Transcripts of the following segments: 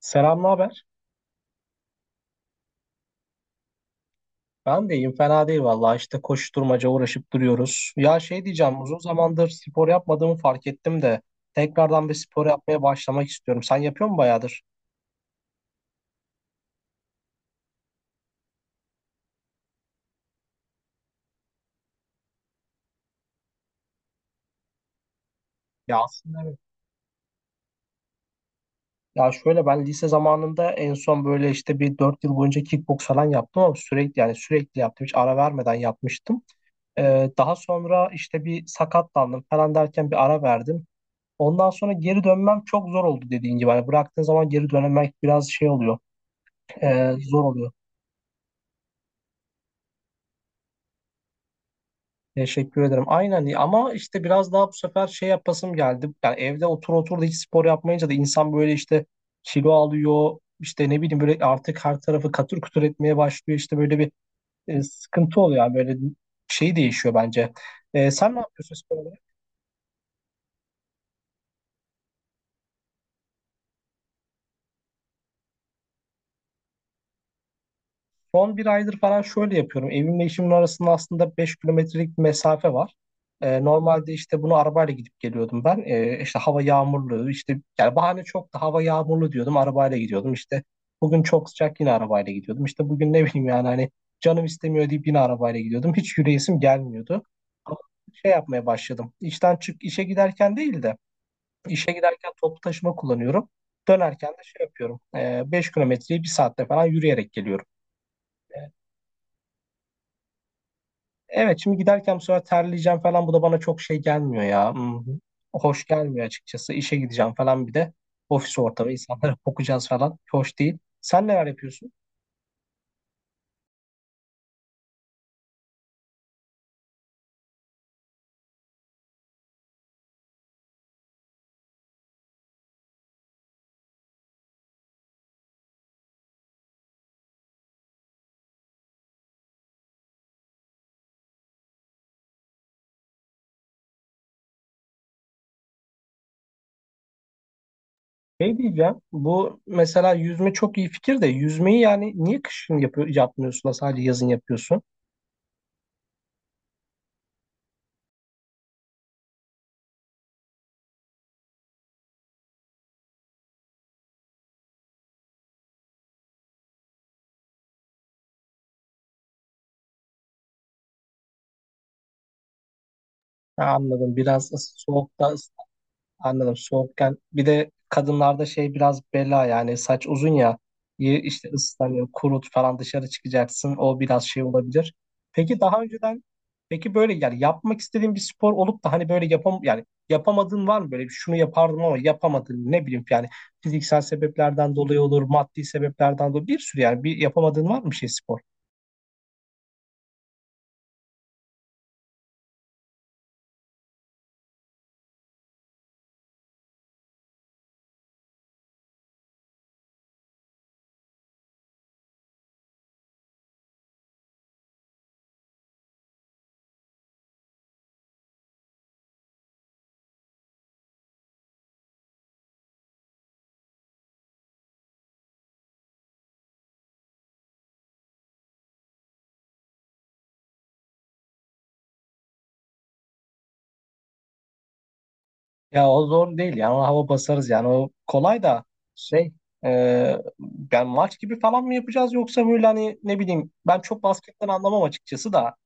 Selam, ne haber? Ben de iyiyim, fena değil vallahi. İşte koşturmaca uğraşıp duruyoruz. Ya şey diyeceğim, uzun zamandır spor yapmadığımı fark ettim de tekrardan bir spor yapmaya başlamak istiyorum. Sen yapıyor musun bayağıdır? Ya aslında evet. Ya şöyle ben lise zamanında en son böyle işte bir 4 yıl boyunca kickbox falan yaptım ama sürekli yani sürekli yaptım. Hiç ara vermeden yapmıştım. Daha sonra işte bir sakatlandım falan derken bir ara verdim. Ondan sonra geri dönmem çok zor oldu dediğin gibi. Hani bıraktığın zaman geri dönmek biraz şey oluyor, zor oluyor. Teşekkür ederim. Aynen ama işte biraz daha bu sefer şey yapasım geldi. Yani evde otur otur da hiç spor yapmayınca da insan böyle işte kilo alıyor. İşte ne bileyim böyle artık her tarafı katır kutur etmeye başlıyor. İşte böyle bir sıkıntı oluyor. Yani böyle şey değişiyor bence. Sen ne yapıyorsun spor? Son bir aydır falan şöyle yapıyorum. Evimle işimin arasında aslında 5 kilometrelik bir mesafe var. Normalde işte bunu arabayla gidip geliyordum ben. İşte hava yağmurlu, işte yani bahane çok da hava yağmurlu diyordum. Arabayla gidiyordum. İşte bugün çok sıcak yine arabayla gidiyordum. İşte bugün ne bileyim yani hani canım istemiyor deyip yine arabayla gidiyordum. Hiç yürüyesim gelmiyordu. Ama şey yapmaya başladım. İşten çık işe giderken değil de işe giderken toplu taşıma kullanıyorum. Dönerken de şey yapıyorum. 5 kilometreyi bir saatte falan yürüyerek geliyorum. Ee, Evet, şimdi giderken bu sefer terleyeceğim falan, bu da bana çok şey gelmiyor ya. Hoş gelmiyor açıkçası. İşe gideceğim falan, bir de ofis ortamı, insanlara kokacağız falan. Hoş değil. Sen neler yapıyorsun? Şey diyeceğim, bu mesela yüzme çok iyi fikir de yüzmeyi yani niye kışın yapmıyorsun da sadece yazın yapıyorsun? Ha, anladım, biraz soğukta. Anladım. Soğukken bir de kadınlarda şey biraz bela, yani saç uzun ya, işte ıslanıyor, kurut falan dışarı çıkacaksın. O biraz şey olabilir. Peki daha önceden peki böyle yani yapmak istediğin bir spor olup da hani böyle yapamadığın var mı, böyle bir şunu yapardım ama yapamadın, ne bileyim, yani fiziksel sebeplerden dolayı olur, maddi sebeplerden dolayı, bir sürü yani bir yapamadığın var mı bir şey spor? Ya o zor değil yani, ona hava basarız yani o kolay da şey e, yani maç gibi falan mı yapacağız, yoksa böyle hani ne bileyim, ben çok basketten anlamam açıkçası da.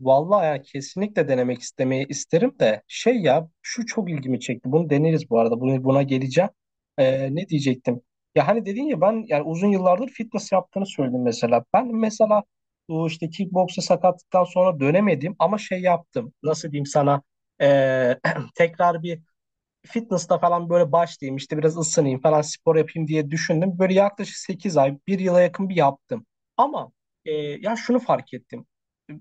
Vallahi ya, kesinlikle denemek istemeyi isterim de şey ya, şu çok ilgimi çekti, bunu deneriz, bu arada buna geleceğim. Ne diyecektim, ya hani dedin ya, ben yani uzun yıllardır fitness yaptığını söyledim, mesela ben mesela bu işte kickboksa sakatlıktan sonra dönemedim ama şey yaptım, nasıl diyeyim sana, e, tekrar bir fitness'ta falan böyle başlayayım, işte biraz ısınayım falan spor yapayım diye düşündüm. Böyle yaklaşık 8 ay, bir yıla yakın bir yaptım. Ama ya şunu fark ettim.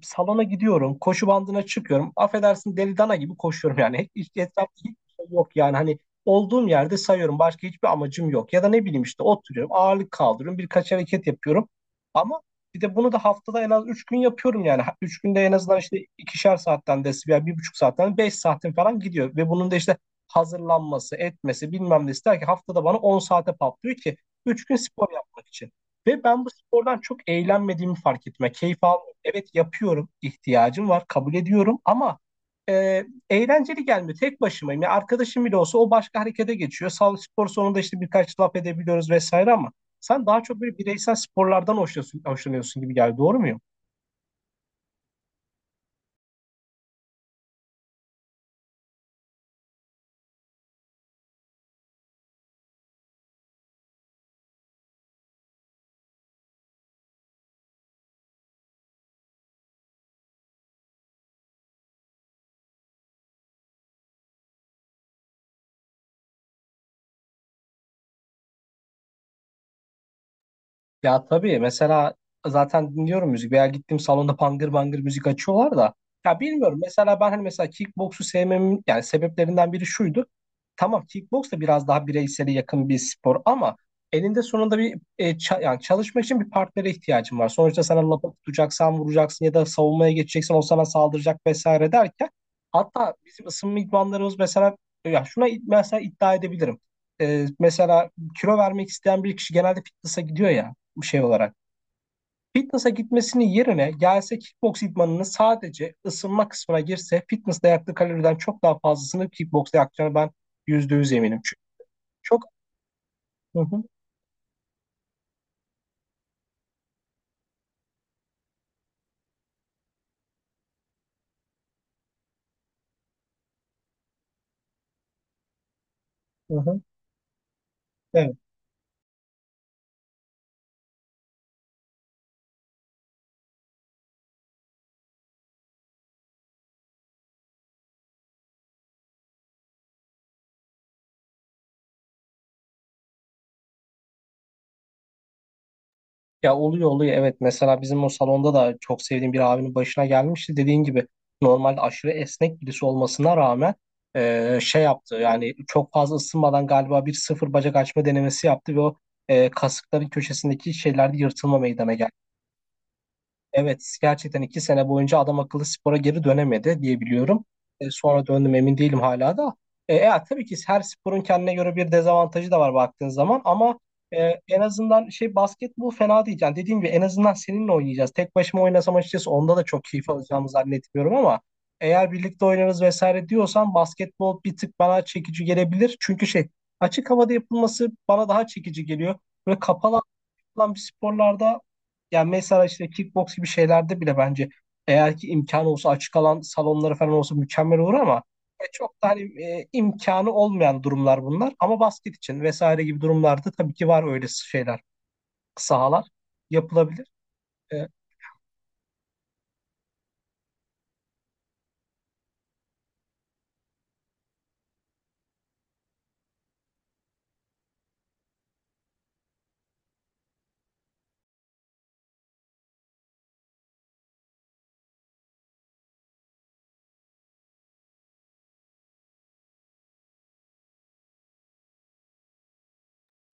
Salona gidiyorum, koşu bandına çıkıyorum. Affedersin, deli dana gibi koşuyorum yani. Hiç, etrafta hiçbir şey yok, yani hani olduğum yerde sayıyorum. Başka hiçbir amacım yok. Ya da ne bileyim işte oturuyorum, ağırlık kaldırıyorum, birkaç hareket yapıyorum. Ama bir de bunu da haftada en az 3 gün yapıyorum yani. 3 günde en azından işte 2'şer saatten de, yani 1,5 saatten 5 saatin falan gidiyor. Ve bunun da işte hazırlanması, etmesi, bilmem ne ister ki haftada bana 10 saate patlıyor ki 3 gün spor yapmak için. Ve ben bu spordan çok eğlenmediğimi fark ettim. Yani keyif almıyorum. Evet yapıyorum, ihtiyacım var, kabul ediyorum ama e, eğlenceli gelmiyor. Tek başımayım. Yani arkadaşım bile olsa o başka harekete geçiyor. Sağlık spor sonunda işte birkaç laf edebiliyoruz vesaire ama sen daha çok böyle bireysel sporlardan hoşlanıyorsun gibi geldi. Doğru mu? Ya tabii mesela, zaten dinliyorum müzik, veya gittiğim salonda bangır bangır müzik açıyorlar da ya bilmiyorum, mesela ben hani mesela kickboksu sevmemin yani sebeplerinden biri şuydu. Tamam, kickboks da biraz daha bireysele yakın bir spor ama elinde sonunda bir yani çalışmak için bir partnere ihtiyacın var. Sonuçta sana lapa tutacaksan vuracaksın ya da savunmaya geçeceksin o sana saldıracak vesaire derken, hatta bizim ısınma idmanlarımız mesela, ya şuna mesela iddia edebilirim. Mesela kilo vermek isteyen bir kişi genelde fitness'a gidiyor ya şey olarak. Fitness'a gitmesinin yerine gelse kickbox idmanını sadece ısınma kısmına girse fitness'ta yaktığı kaloriden çok daha fazlasını kickbox'ta yakacağını ben %100 eminim. Çünkü çok. Hı hı, hı hı. Evet. Ya oluyor oluyor evet. Mesela bizim o salonda da çok sevdiğim bir abinin başına gelmişti. Dediğin gibi normalde aşırı esnek birisi olmasına rağmen şey yaptı. Yani çok fazla ısınmadan galiba bir sıfır bacak açma denemesi yaptı ve o kasıkların köşesindeki şeylerde yırtılma meydana geldi. Evet, gerçekten 2 sene boyunca adam akıllı spora geri dönemedi diye biliyorum. Sonra döndüm, emin değilim hala da. Tabii ki her sporun kendine göre bir dezavantajı da var baktığın zaman ama en azından şey basketbol fena değil. Yani dediğim gibi en azından seninle oynayacağız. Tek başıma oynasam açıkçası onda da çok keyif alacağımı zannetmiyorum ama eğer birlikte oynarız vesaire diyorsan basketbol bir tık bana çekici gelebilir. Çünkü şey açık havada yapılması bana daha çekici geliyor. Böyle kapalı yapılan bir sporlarda, yani mesela işte kickbox gibi şeylerde bile bence eğer ki imkanı olsa açık alan salonları falan olsa mükemmel olur ama çok da hani imkanı olmayan durumlar bunlar. Ama basket için vesaire gibi durumlarda tabii ki var öyle şeyler, sahalar yapılabilir. E,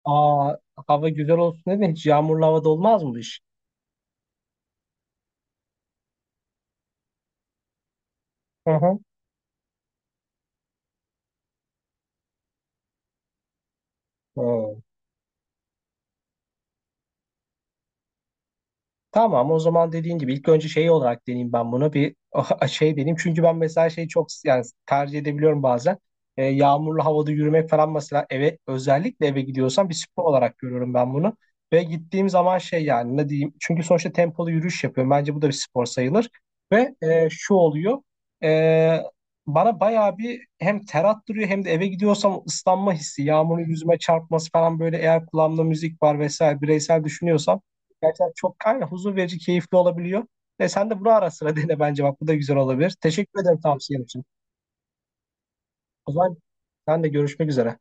aa, Hava güzel olsun dedi, hiç yağmurlu havada olmaz mı bu iş? Hı hı. Hı. Tamam, o zaman dediğin gibi ilk önce şey olarak deneyeyim ben bunu bir şey deneyeyim. Çünkü ben mesela şeyi çok yani tercih edebiliyorum bazen. Yağmurlu havada yürümek falan, mesela eve, özellikle eve gidiyorsam bir spor olarak görüyorum ben bunu. Ve gittiğim zaman şey yani ne diyeyim, çünkü sonuçta tempolu yürüyüş yapıyorum. Bence bu da bir spor sayılır. Ve şu oluyor, e, bana bayağı bir hem ter attırıyor hem de eve gidiyorsam ıslanma hissi, yağmurun yüzüme çarpması falan, böyle eğer kulağımda müzik var vesaire, bireysel düşünüyorsam. Gerçekten çok aynen, huzur verici, keyifli olabiliyor. Sen de bunu ara sıra dene bence, bak bu da güzel olabilir. Teşekkür ederim tavsiyen için. O zaman sen de görüşmek üzere.